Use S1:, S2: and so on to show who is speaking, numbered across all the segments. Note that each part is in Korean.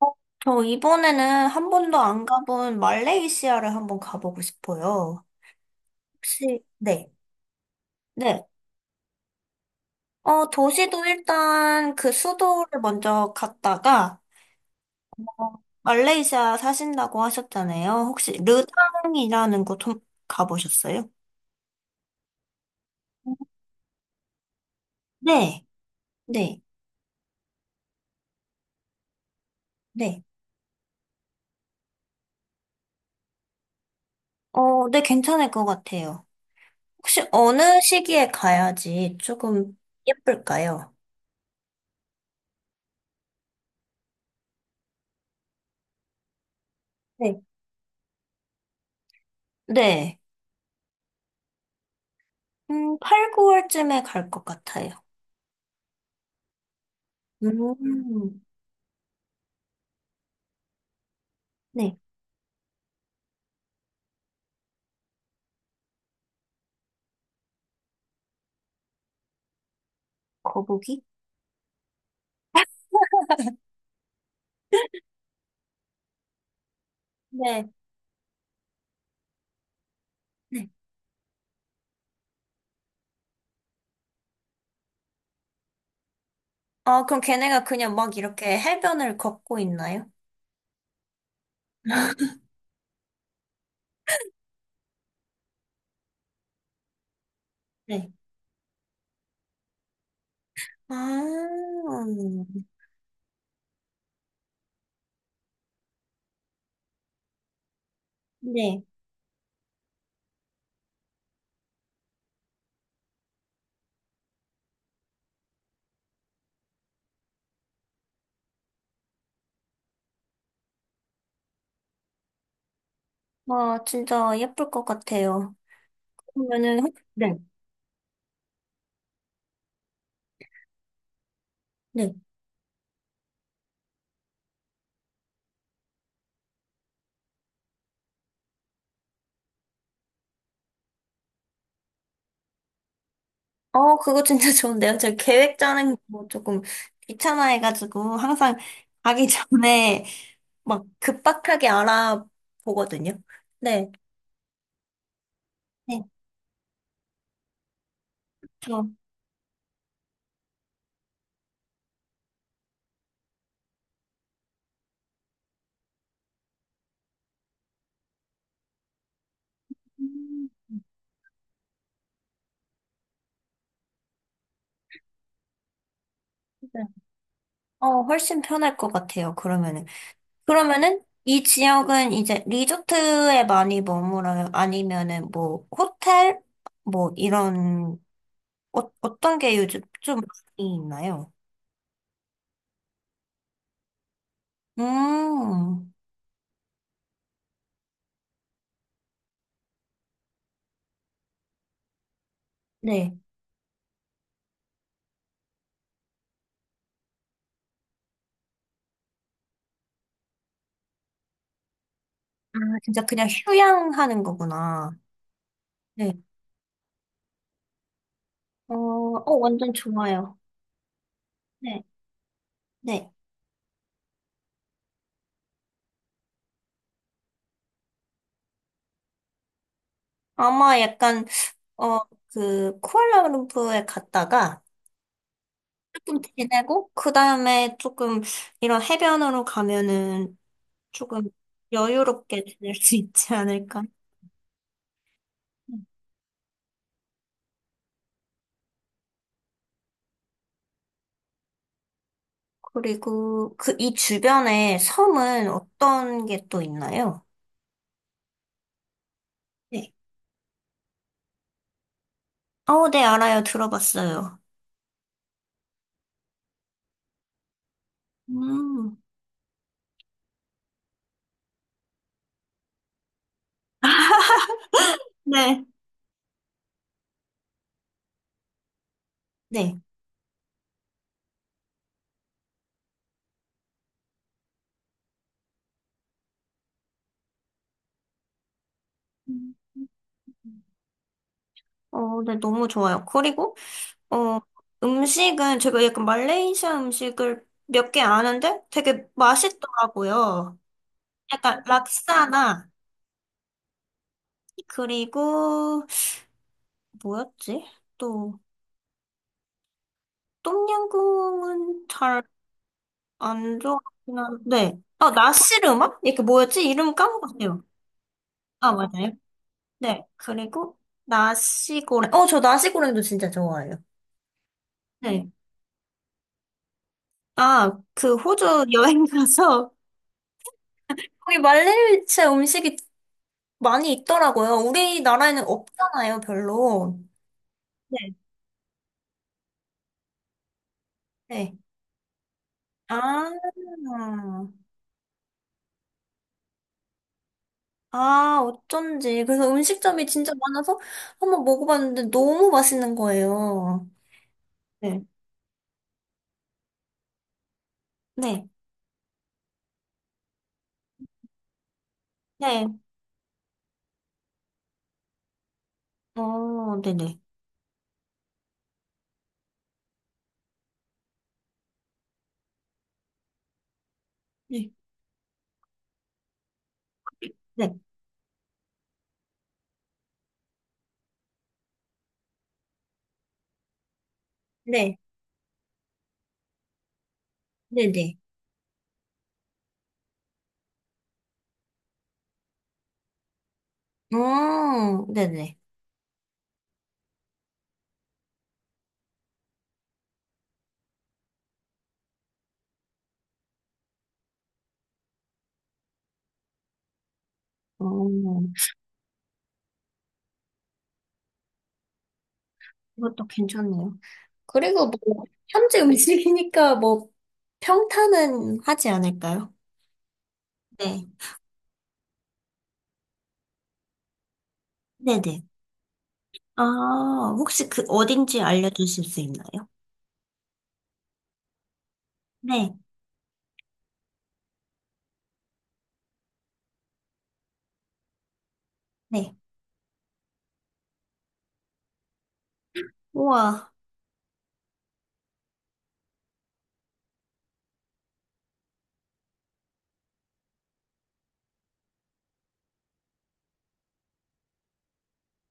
S1: 어, 저 이번에는 한 번도 안 가본 말레이시아를 한번 가보고 싶어요. 혹시, 네. 네. 도시도 일단 그 수도를 먼저 갔다가, 어, 말레이시아 사신다고 하셨잖아요. 혹시 르당이라는 곳 좀 가보셨어요? 네. 네. 네. 네, 괜찮을 것 같아요. 혹시 어느 시기에 가야지 조금 예쁠까요? 네. 네. 8, 9월쯤에 갈 것 같아요. 음, 네. 거북이? 네. 네. 아, 그럼 걔네가 그냥 막 이렇게 해변을 걷고 있나요? 네. 아, 네. 와, 진짜 예쁠 것 같아요. 그러면은, 네. 네. 그거 진짜 좋은데요? 저 계획 짜는 거 조금 귀찮아해가지고 항상 가기 전에 막 급박하게 알아보거든요. 네. 네. 저, 음, 네. 훨씬 편할 것 같아요, 그러면은. 그러면은 이 지역은 이제 리조트에 많이 머물어요? 아니면은 뭐 호텔? 뭐 이런 어떤 게 요즘 좀 많이 있나요? 음, 네. 아, 진짜 그냥 휴양하는 거구나. 네. 완전 좋아요. 네. 네. 아마 약간 어, 그 쿠알라룸푸르에 갔다가 조금 지내고 그 다음에 조금 이런 해변으로 가면은 조금 여유롭게 지낼 수 있지 않을까? 그리고 그 이 주변에 섬은 어떤 게 또 있나요? 네. 네, 알아요. 들어봤어요. 음. 네. 네. 음. 네, 너무 좋아요. 그리고, 어, 음식은 제가 약간 말레이시아 음식을 몇 개 아는데 되게 맛있더라고요. 약간 락사나, 그리고, 뭐였지? 또, 똠양꿍은 잘 안 좋아하긴 한데, 나시르마? 이게 뭐였지? 이름 까먹었어요. 아, 맞아요. 네. 그리고, 나시고랭. 저 나시고랭도 진짜 좋아해요. 네. 아, 그 호주 여행 가서, 거기 말레이시아 음식이 많이 있더라고요. 우리나라에는 없잖아요, 별로. 네. 네. 아, 아, 어쩐지. 그래서 음식점이 진짜 많아서 한번 먹어봤는데 너무 맛있는 거예요. 네. 네. 네. 어, 네네. 네. 네, 네. 네네. 네네. 어, 이것도 괜찮네요. 그리고 뭐, 현지 음식이니까 뭐, 평탄은 하지 않을까요? 네, 네네. 아, 혹시 그 어딘지 알려주실 수 있나요? 네, 네. 우와,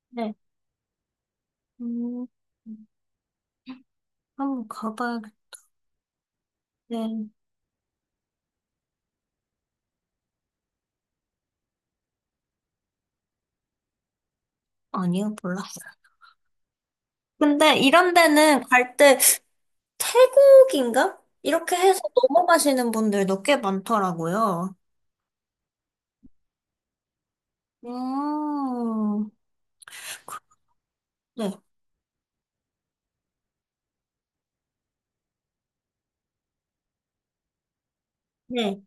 S1: 네. 음, 한번 가봐야겠네. 아니요, 몰랐어요. 근데 이런 데는 갈때 태국인가? 이렇게 해서 넘어가시는 분들도 꽤 많더라고요. 음, 네, 네,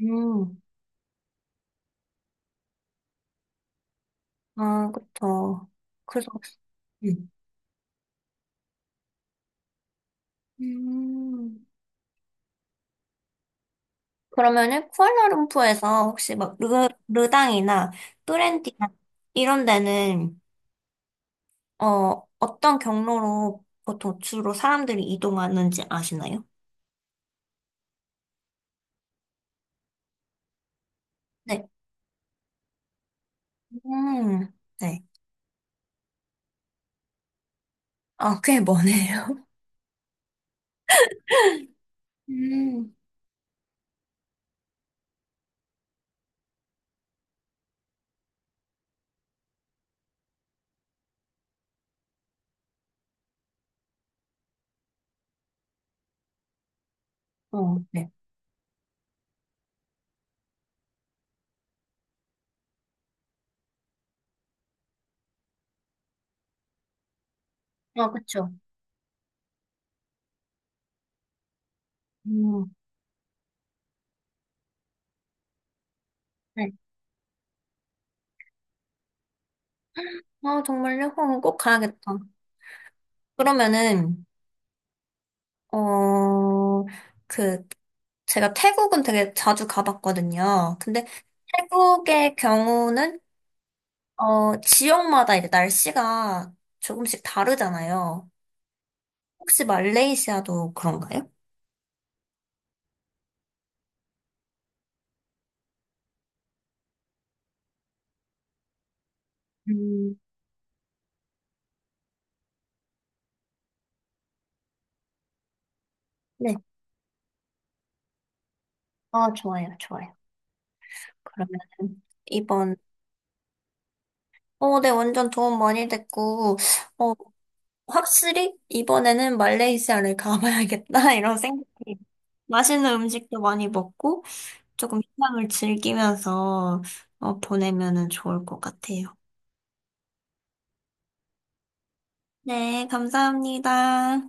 S1: 음, 아, 그쵸. 그래서, 음. 음. 그러면은, 쿠알라룸푸르에서 혹시 막, 르당이나 뿌렌디나 이런 데는, 어떤 경로로 보통 주로 사람들이 이동하는지 아시나요? 네. 음, 네. 아, 꽤 머네요. 음, 네. 아, 그쵸. 음. 네. 아, 정말요? 그럼 꼭 가야겠다. 그러면은, 어, 그, 제가 태국은 되게 자주 가봤거든요. 근데 태국의 경우는, 지역마다 이제 날씨가 조금씩 다르잖아요. 혹시 말레이시아도 그런가요? 음, 네. 아, 좋아요, 좋아요. 그러면은, 이번, 네, 완전 도움 많이 됐고, 어, 확실히 이번에는 말레이시아를 가봐야겠다 이런 생각이 맛있는 음식도 많이 먹고 조금 휴양을 즐기면서 보내면은 좋을 것 같아요. 네, 감사합니다.